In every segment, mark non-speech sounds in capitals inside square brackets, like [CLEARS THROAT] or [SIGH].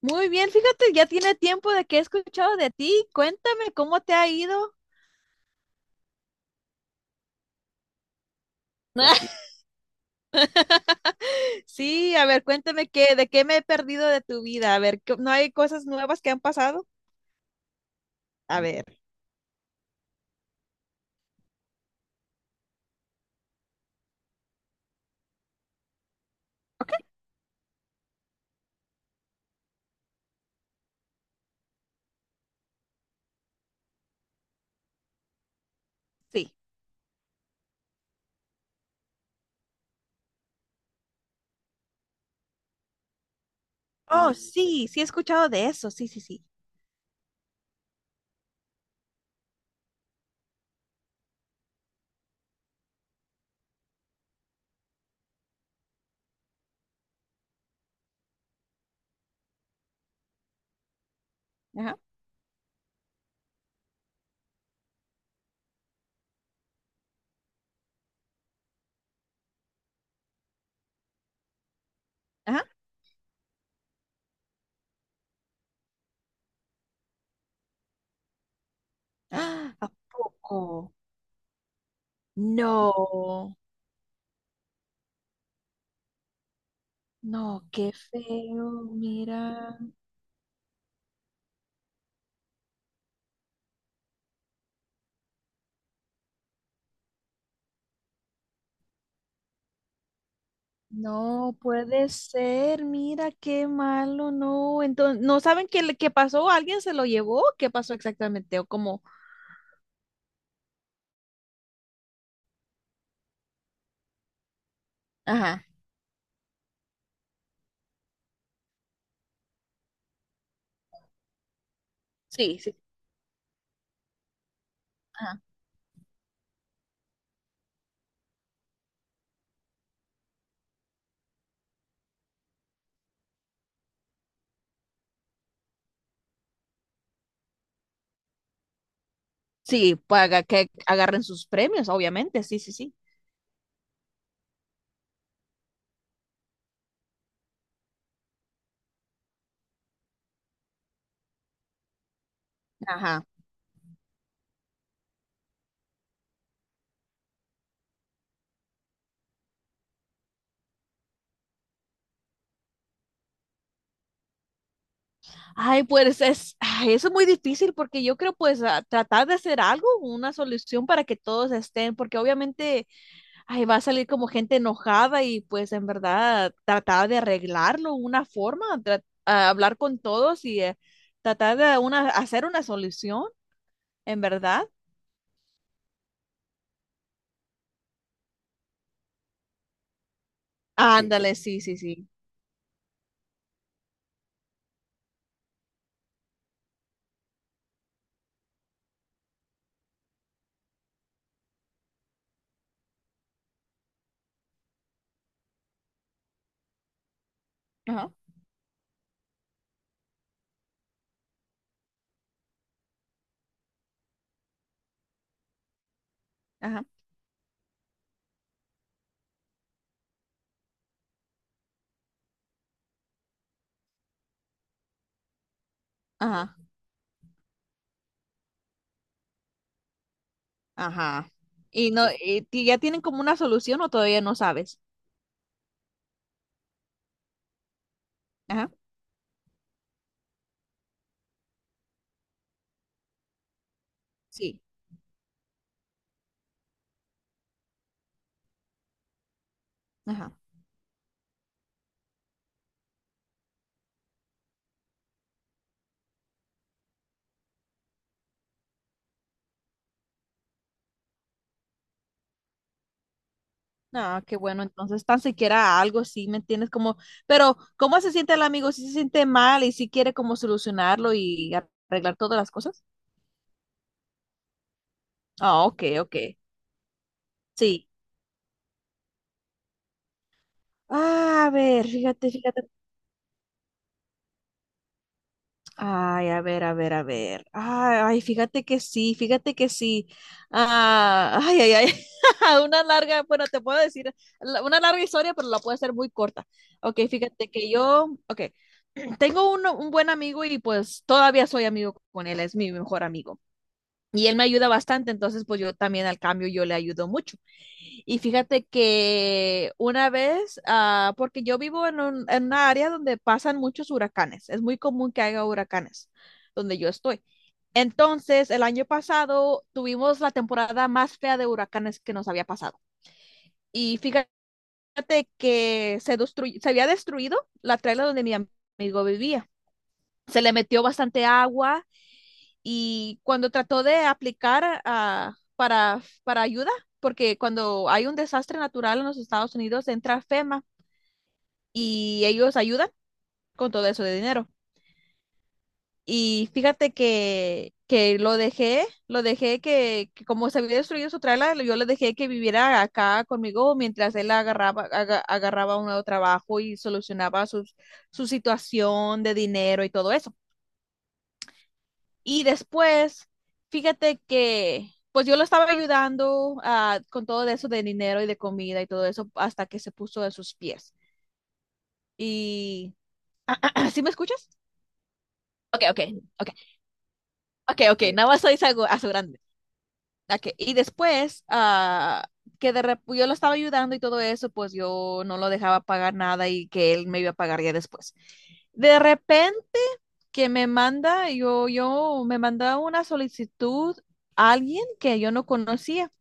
Muy bien, fíjate, ya tiene tiempo de que he escuchado de ti. Cuéntame cómo te ha ido. [LAUGHS] Sí, a ver, cuéntame qué, de qué me he perdido de tu vida. A ver, ¿no hay cosas nuevas que han pasado? A ver, ok, sí. Oh, sí, sí he escuchado de eso. Sí, sí, sí. Ajá, ajá. ¡Ah! ¿A poco? No, no, qué feo, mira. No puede ser, mira qué malo, no. Entonces, ¿no saben qué, qué pasó? ¿Alguien se lo llevó? ¿Qué pasó exactamente? O cómo, ajá, sí, sí, ajá. Sí, para que agarren sus premios, obviamente, sí, sí, sí. Ajá. Ay, pues es, ay, eso es muy difícil porque yo creo pues tratar de hacer algo, una solución para que todos estén, porque obviamente ay, va a salir como gente enojada y pues en verdad tratar de arreglarlo, una forma, a hablar con todos y tratar de una, hacer una solución, en verdad. Sí, ándale, sí, sí, sí. Ajá, ajá, ajá, ajá. Y no, sí. Y ya tienen como una solución o todavía no sabes. Ajá, sí, ajá. Ah, qué bueno, entonces tan siquiera algo, sí, ¿me entiendes? Como, pero ¿cómo se siente el amigo? ¿Si se siente mal y si quiere como solucionarlo y arreglar todas las cosas? Ah, ok, ok. Sí. Ah, a ver, fíjate, fíjate. Ay, a ver, a ver, a ver. Ay, ay, fíjate que sí, fíjate que sí. Ah, ay, ay, ay. [LAUGHS] Una larga, bueno, te puedo decir una larga historia, pero la puedo hacer muy corta. Ok, fíjate que yo, ok, [CLEARS THROAT] tengo un buen amigo y pues todavía soy amigo con él, es mi mejor amigo. Y él me ayuda bastante, entonces pues yo también al cambio yo le ayudo mucho. Y fíjate que una vez, ah, porque yo vivo en en una área donde pasan muchos huracanes, es muy común que haya huracanes donde yo estoy. Entonces, el año pasado tuvimos la temporada más fea de huracanes que nos había pasado. Y fíjate que se había destruido la traila donde mi amigo vivía. Se le metió bastante agua y cuando trató de aplicar para ayuda, porque cuando hay un desastre natural en los Estados Unidos entra FEMA y ellos ayudan con todo eso de dinero. Y fíjate que, lo dejé que como se había destruido su trailer, yo le dejé que viviera acá conmigo mientras él agarraba un nuevo trabajo y solucionaba su situación de dinero y todo eso. Y después, fíjate que, pues yo lo estaba ayudando con todo eso de dinero y de comida y todo eso hasta que se puso de sus pies. Y, [CLEARS THROAT] ¿sí me escuchas? Ok, ok, ok, ok, ok, nada más estoy asegurando. Ok, y después, yo lo estaba ayudando y todo eso, pues yo no lo dejaba pagar nada y que él me iba a pagar ya después. De repente que me manda, yo me manda una solicitud a alguien que yo no conocía.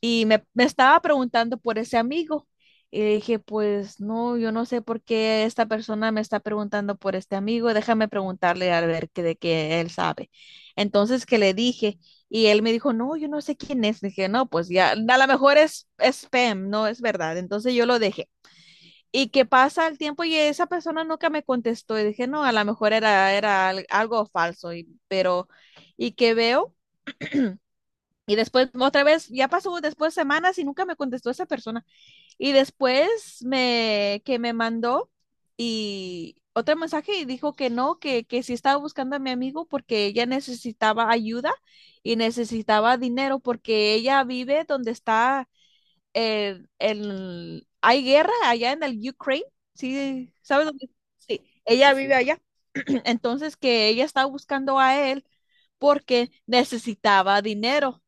Y me estaba preguntando por ese amigo. Y dije, pues no, yo no sé por qué esta persona me está preguntando por este amigo, déjame preguntarle a ver que, de qué él sabe. Entonces que le dije, y él me dijo, no, yo no sé quién es. Dije, no, pues ya, a lo mejor es spam, no es verdad. Entonces yo lo dejé. Y que pasa el tiempo y esa persona nunca me contestó. Y dije, no, a lo mejor algo falso, y, pero, y que veo y después, otra vez, ya pasó después semanas y nunca me contestó esa persona. Y después que me mandó y otro mensaje y dijo que no, que sí estaba buscando a mi amigo porque ella necesitaba ayuda y necesitaba dinero porque ella vive donde está hay guerra allá en el Ukraine. Sí, ¿sabes dónde? Sí, ella, sí, vive, sí, allá. [CLEARS THROAT] Entonces que ella estaba buscando a él porque necesitaba dinero.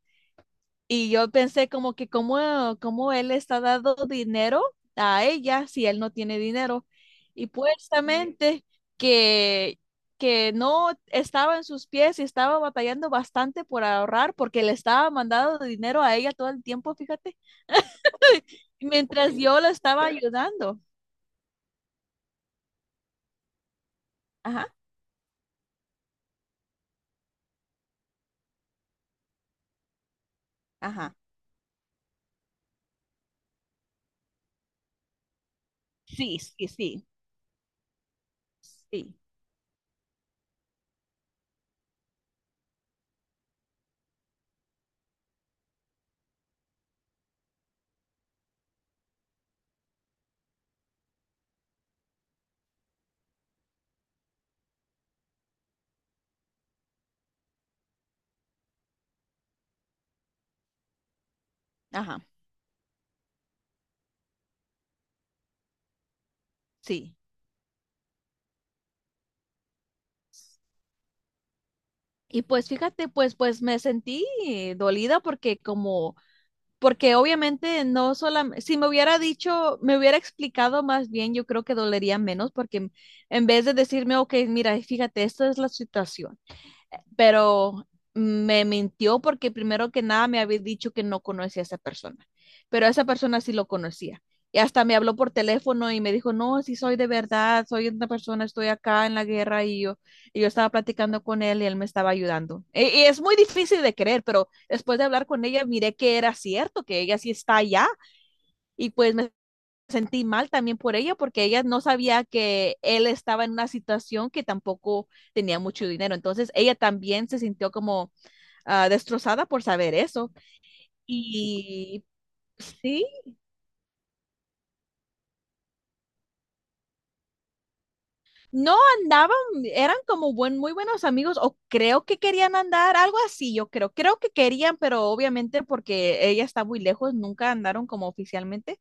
Y yo pensé como que cómo él le está dando dinero a ella si él no tiene dinero. Y puestamente que, que no estaba en sus pies y estaba batallando bastante por ahorrar porque le estaba mandando dinero a ella todo el tiempo, fíjate, mientras yo lo estaba ayudando. Ajá. Ajá. Sí, sí, sí, sí, ajá, sí. Y pues fíjate, pues me sentí dolida porque como porque obviamente no solamente, si me hubiera dicho, me hubiera explicado más bien, yo creo que dolería menos, porque en vez de decirme, ok, mira, fíjate, esta es la situación pero me mintió porque primero que nada me había dicho que no conocía a esa persona, pero a esa persona sí lo conocía. Y hasta me habló por teléfono y me dijo, no, sí soy de verdad, soy una persona, estoy acá en la guerra y yo estaba platicando con él y él me estaba ayudando. Y, es muy difícil de creer, pero después de hablar con ella miré que era cierto, que ella sí está allá y pues me sentí mal también por ella porque ella no sabía que él estaba en una situación que tampoco tenía mucho dinero. Entonces ella también se sintió como destrozada por saber eso. Y sí, no andaban, eran como muy buenos amigos o creo que querían andar, algo así, yo creo. Creo que querían, pero obviamente porque ella está muy lejos, nunca andaron como oficialmente.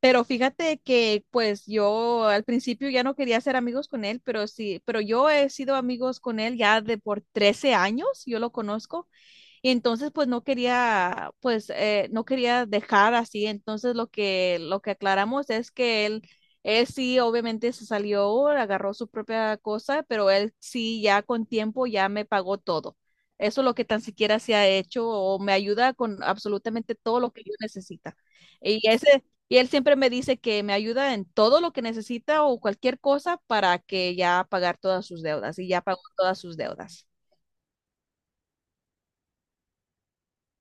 Pero fíjate que pues yo al principio ya no quería ser amigos con él, pero sí, pero yo he sido amigos con él ya de por 13 años, yo lo conozco. Y entonces, pues no quería dejar así. Entonces, lo que aclaramos es que él sí, obviamente se salió, agarró su propia cosa, pero él sí, ya con tiempo, ya me pagó todo. Eso es lo que tan siquiera se ha hecho o me ayuda con absolutamente todo lo que yo necesita. Y él siempre me dice que me ayuda en todo lo que necesita o cualquier cosa para que ya pagar todas sus deudas y ya pagó todas sus deudas.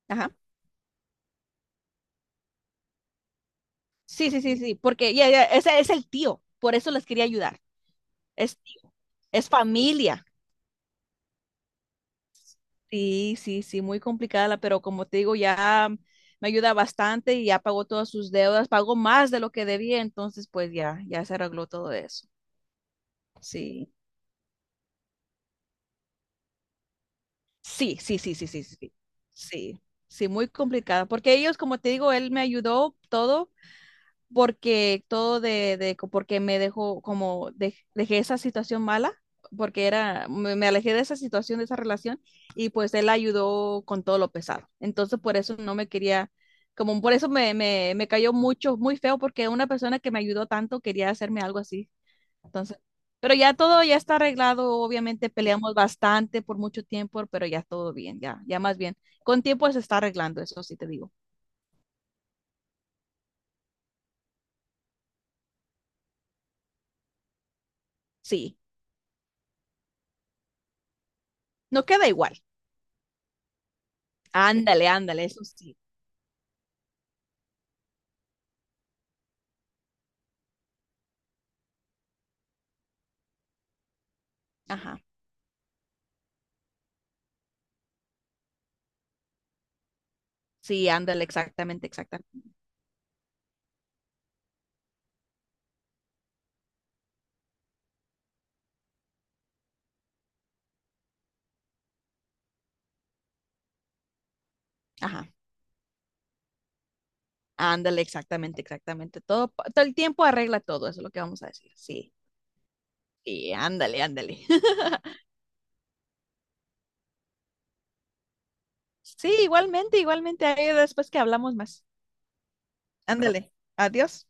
Ajá. Sí, sí, sí, sí, porque ya, ya, ese es el tío, por eso les quería ayudar. Es tío, es familia. Sí, sí, sí, muy complicada, pero como te digo, ya me ayuda bastante y ya pagó todas sus deudas, pagó más de lo que debía, entonces pues ya, ya se arregló todo eso. Sí, sí, sí, sí, sí, sí, sí, sí, sí, muy complicada, porque ellos, como te digo, él me ayudó todo porque todo de porque me dejó como dejé esa situación mala, porque era, me alejé de esa situación, de esa relación, y pues él ayudó con todo lo pesado. Entonces por eso no me quería, como por eso me cayó mucho, muy feo, porque una persona que me ayudó tanto quería hacerme algo así. Entonces, pero ya todo ya está arreglado, obviamente peleamos bastante por mucho tiempo, pero ya todo bien, ya, ya más bien. Con tiempo se está arreglando, eso sí te digo. Sí, no queda igual. Ándale, ándale, eso sí. Ajá. Sí, ándale, exactamente, exactamente. Ajá. Ándale, exactamente, exactamente. Todo, todo el tiempo arregla todo, eso es lo que vamos a decir. Sí, sí, ándale, ándale. [LAUGHS] Sí, igualmente, igualmente. Ahí después que hablamos más. Ándale. Adiós.